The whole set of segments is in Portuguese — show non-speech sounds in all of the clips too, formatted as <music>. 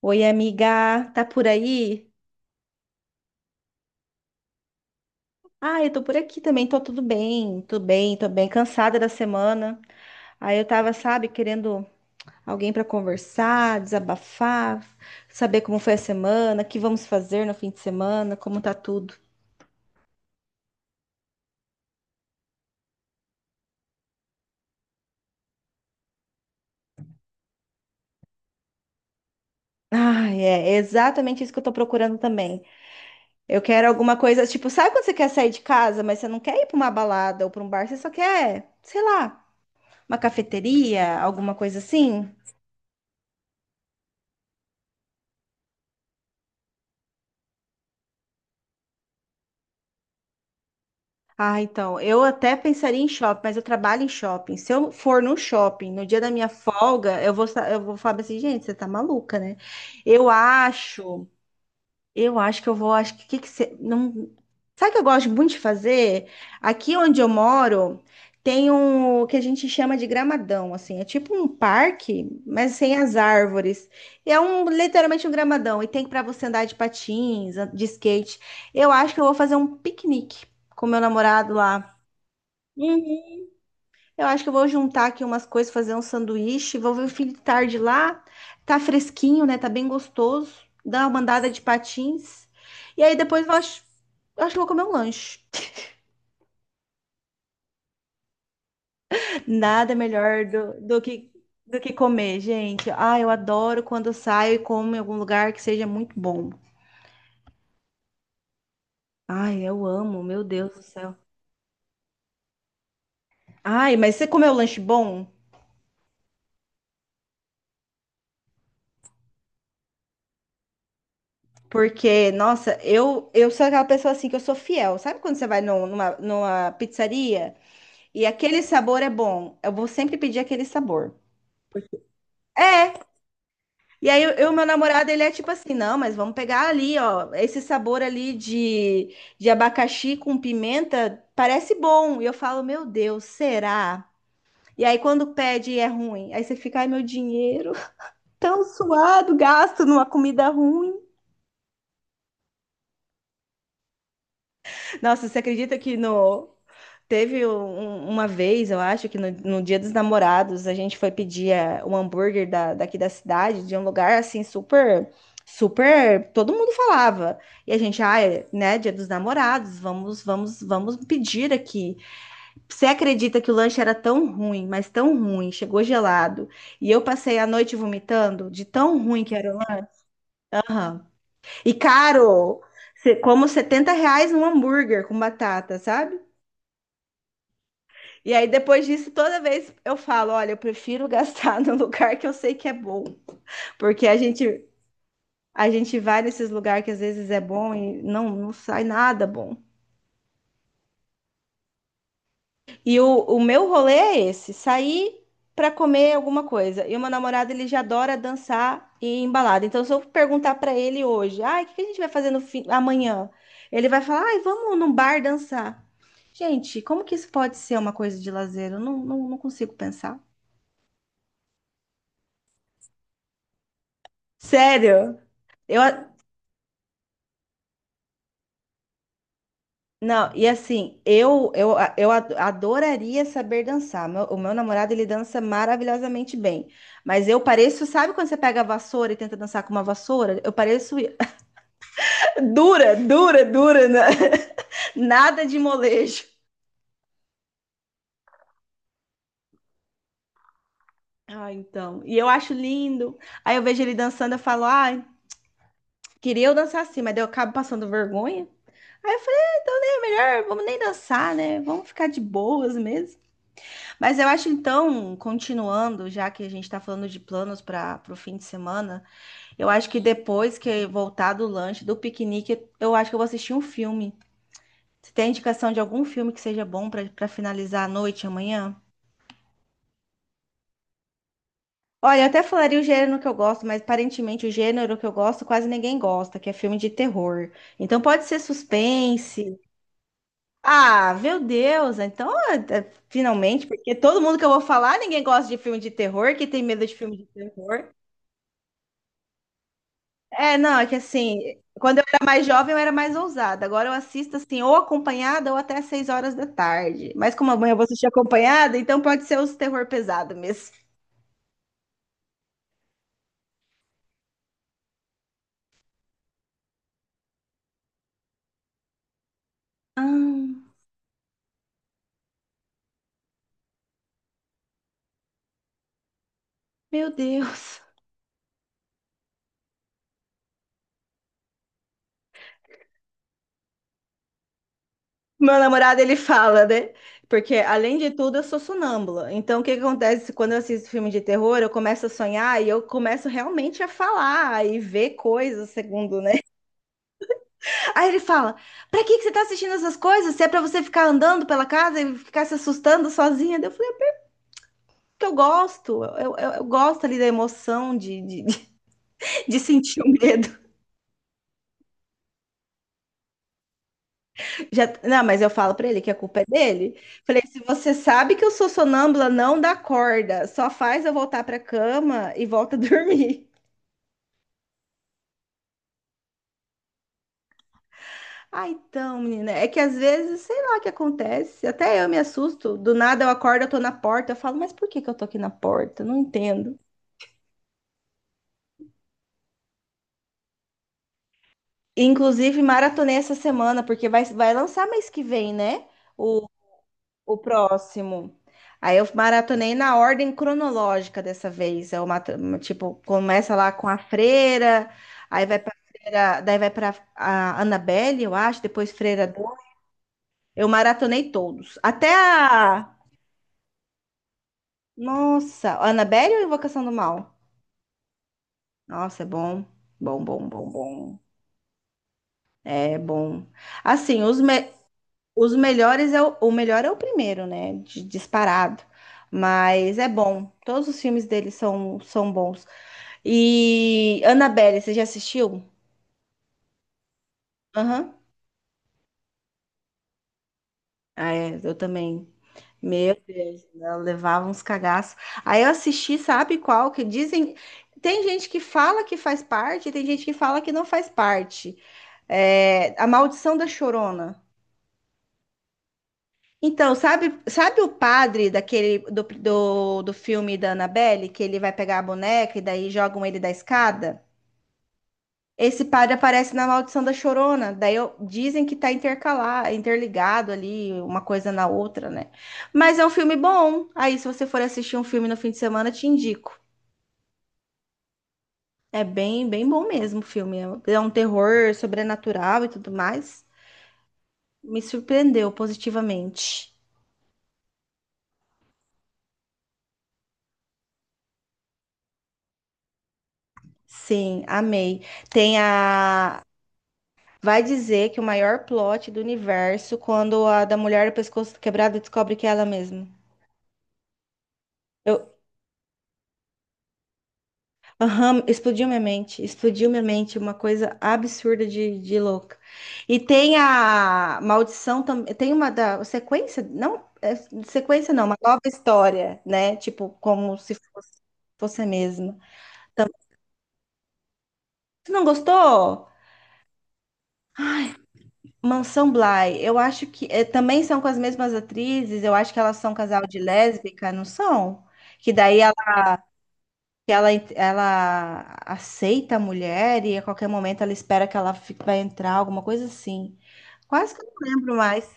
Oi, amiga, tá por aí? Ah, eu tô por aqui também, tô tudo bem, tô bem, cansada da semana. Aí eu tava, sabe, querendo alguém pra conversar, desabafar, saber como foi a semana, o que vamos fazer no fim de semana, como tá tudo. Ah, é exatamente isso que eu tô procurando também. Eu quero alguma coisa, tipo, sabe quando você quer sair de casa, mas você não quer ir pra uma balada ou pra um bar, você só quer, sei lá, uma cafeteria, alguma coisa assim? Ah, então, eu até pensaria em shopping, mas eu trabalho em shopping. Se eu for no shopping no dia da minha folga, eu vou falar assim, gente, você tá maluca, né? Eu acho, eu acho que eu vou, acho que você, não, sabe o que eu gosto muito de fazer? Aqui onde eu moro, tem o que a gente chama de gramadão, assim, é tipo um parque, mas sem as árvores. É literalmente um gramadão e tem para você andar de patins, de skate. Eu acho que eu vou fazer um piquenique com meu namorado lá. Uhum. Eu acho que eu vou juntar aqui umas coisas, fazer um sanduíche. Vou ver o filho de tarde lá. Tá fresquinho, né? Tá bem gostoso. Dá uma andada de patins. E aí depois eu acho que eu vou comer um lanche. <laughs> Nada melhor do que comer, gente. Ah, eu adoro quando eu saio e como em algum lugar que seja muito bom. Ai, eu amo, meu Deus do céu. Ai, mas você comeu lanche bom? Porque, nossa, eu sou aquela pessoa assim que eu sou fiel. Sabe quando você vai numa pizzaria? E aquele sabor é bom. Eu vou sempre pedir aquele sabor. É. E aí, meu namorado, ele é tipo assim, não, mas vamos pegar ali, ó, esse sabor ali de abacaxi com pimenta, parece bom. E eu falo, meu Deus, será? E aí, quando pede, é ruim. Aí você fica, ai, meu dinheiro, <laughs> tão suado, gasto numa comida ruim. Nossa, você acredita que no, teve uma vez, eu acho, que no Dia dos Namorados, a gente foi pedir um hambúrguer daqui da cidade, de um lugar assim super, super, todo mundo falava. E a gente, ah, é, né, Dia dos Namorados, vamos pedir aqui. Você acredita que o lanche era tão ruim, mas tão ruim, chegou gelado. E eu passei a noite vomitando de tão ruim que era o lanche. Aham. E caro, como R$ 70 um hambúrguer com batata, sabe? E aí, depois disso, toda vez eu falo: olha, eu prefiro <laughs> gastar no lugar que eu sei que é bom. Porque a gente vai nesses lugares que às vezes é bom e não sai nada bom. E o meu rolê é esse: sair para comer alguma coisa. E o meu namorado, ele já adora dançar e embalada. Então, se eu perguntar para ele hoje: ai, o que que a gente vai fazer no fim, amanhã? Ele vai falar: ai, vamos num bar dançar. Gente, como que isso pode ser uma coisa de lazer? Eu não, não, não consigo pensar. Sério. Eu, Não, e assim, adoraria saber dançar. O meu namorado, ele dança maravilhosamente bem. Mas eu pareço, sabe quando você pega a vassoura e tenta dançar com uma vassoura? Eu pareço <laughs> dura, dura, dura, né? <laughs> Nada de molejo. Ah, então. E eu acho lindo. Aí eu vejo ele dançando, eu falo, ai, queria eu dançar assim, mas daí eu acabo passando vergonha. Aí eu falei, "Ah, então nem é melhor, vamos nem dançar, né? Vamos ficar de boas mesmo." Mas eu acho então, continuando, já que a gente está falando de planos para o fim de semana, eu acho que depois que voltar do lanche, do piquenique, eu acho que eu vou assistir um filme. Você tem indicação de algum filme que seja bom para finalizar a noite amanhã? Olha, eu até falaria o gênero que eu gosto, mas aparentemente o gênero que eu gosto quase ninguém gosta, que é filme de terror. Então pode ser suspense. Ah, meu Deus! Então, finalmente, porque todo mundo que eu vou falar, ninguém gosta de filme de terror, que tem medo de filme de terror. É, não, é que assim, quando eu era mais jovem, eu era mais ousada. Agora eu assisto assim, ou acompanhada ou até às 6 horas da tarde. Mas como amanhã eu vou assistir acompanhada, então pode ser os terror pesado mesmo. Ah, meu Deus. Meu namorado, ele fala, né? Porque, além de tudo, eu sou sonâmbula. Então, o que que acontece quando eu assisto filme de terror? Eu começo a sonhar e eu começo realmente a falar e ver coisas, segundo, né? <laughs> Aí ele fala: pra que que você tá assistindo essas coisas? Se é pra você ficar andando pela casa e ficar se assustando sozinha? Daí Eu que eu gosto, eu gosto ali da emoção <laughs> de sentir o medo. Já, não, mas eu falo pra ele que a culpa é dele. Falei, se você sabe que eu sou sonâmbula, não dá corda, só faz eu voltar pra cama e volta a <laughs> dormir. Ah, então, menina, é que às vezes, sei lá o que acontece, até eu me assusto, do nada eu acordo, eu tô na porta, eu falo, mas por que que eu tô aqui na porta? Não entendo. Inclusive, maratonei essa semana, porque vai lançar mês que vem, né? O próximo. Aí eu maratonei na ordem cronológica dessa vez. Tipo, começa lá com a Freira, aí vai pra Freira, daí vai pra a Annabelle, eu acho, depois Freira Dor. Eu maratonei todos. Até a. Nossa, a Annabelle ou Invocação do Mal? Nossa, é bom. Bom, bom, bom, bom. É bom. Assim, os melhores é o melhor é o primeiro, né? Disparado. Mas é bom. Todos os filmes dele são bons. E Annabelle, você já assistiu? Aham. Ah, é, eu também. Meu Deus, ela levava uns cagaços. Aí eu assisti, sabe qual? Que dizem. Tem gente que fala que faz parte, tem gente que fala que não faz parte. É, A Maldição da Chorona. Então, sabe o padre daquele do filme da Annabelle, que ele vai pegar a boneca e daí jogam ele da escada? Esse padre aparece na Maldição da Chorona. Daí dizem que tá intercalado, interligado ali, uma coisa na outra, né? Mas é um filme bom. Aí, se você for assistir um filme no fim de semana, te indico. É bem, bem bom mesmo o filme. É um terror sobrenatural e tudo mais. Me surpreendeu positivamente. Sim, amei. Tem a. Vai dizer que o maior plot do universo quando a da mulher do pescoço quebrado descobre que é ela mesma. Eu Aham, explodiu minha mente, uma coisa absurda de louca. E tem a maldição também, tem uma da sequência, não, é, sequência não, uma nova história, né? Tipo, como se fosse você mesma. Também. Você não gostou? Mansão Bly, eu acho que é, também são com as mesmas atrizes, eu acho que elas são casal de lésbica, não são? Que daí que ela aceita a mulher e a qualquer momento ela espera que ela vai entrar, alguma coisa assim. Quase que eu não lembro mais.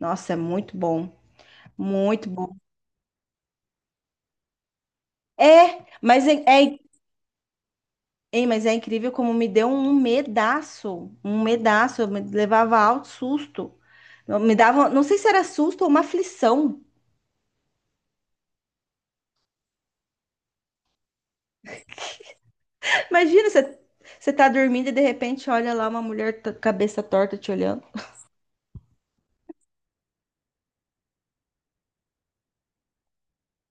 Nossa, é muito bom, muito bom. É, mas é, mas é incrível como me deu um medaço, eu me levava alto susto. Eu Me dava, não sei se era susto ou uma aflição. Imagina, você tá dormindo e de repente olha lá uma mulher cabeça torta te olhando.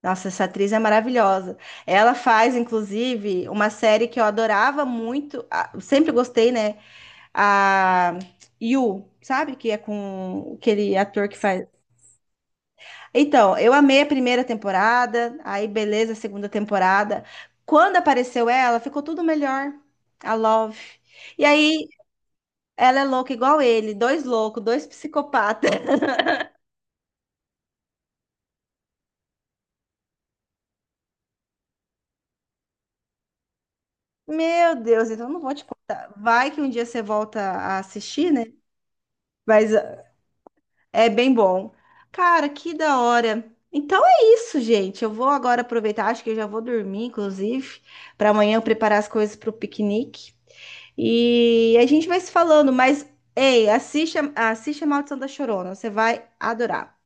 Nossa, essa atriz é maravilhosa. Ela faz, inclusive, uma série que eu adorava muito, eu sempre gostei, né? A You, sabe? Que é com aquele ator que faz. Então, eu amei a primeira temporada, aí beleza, a segunda temporada. Quando apareceu ela, ficou tudo melhor. A Love. E aí, ela é louca igual ele, dois loucos, dois psicopatas. <laughs> Meu Deus, então eu não vou te contar. Vai que um dia você volta a assistir, né? Mas é bem bom. Cara, que da hora. Então é isso, gente. Eu vou agora aproveitar, acho que eu já vou dormir, inclusive, para amanhã eu preparar as coisas para o piquenique. E a gente vai se falando, mas ei, assiste a Maldição da Chorona, você vai adorar.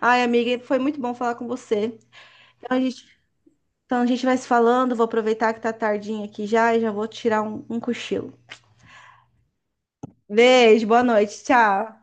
Ai, amiga, foi muito bom falar com você. Então a gente, então a gente vai se falando, vou aproveitar que tá tardinha aqui já e já vou tirar um cochilo. Beijo, boa noite, tchau.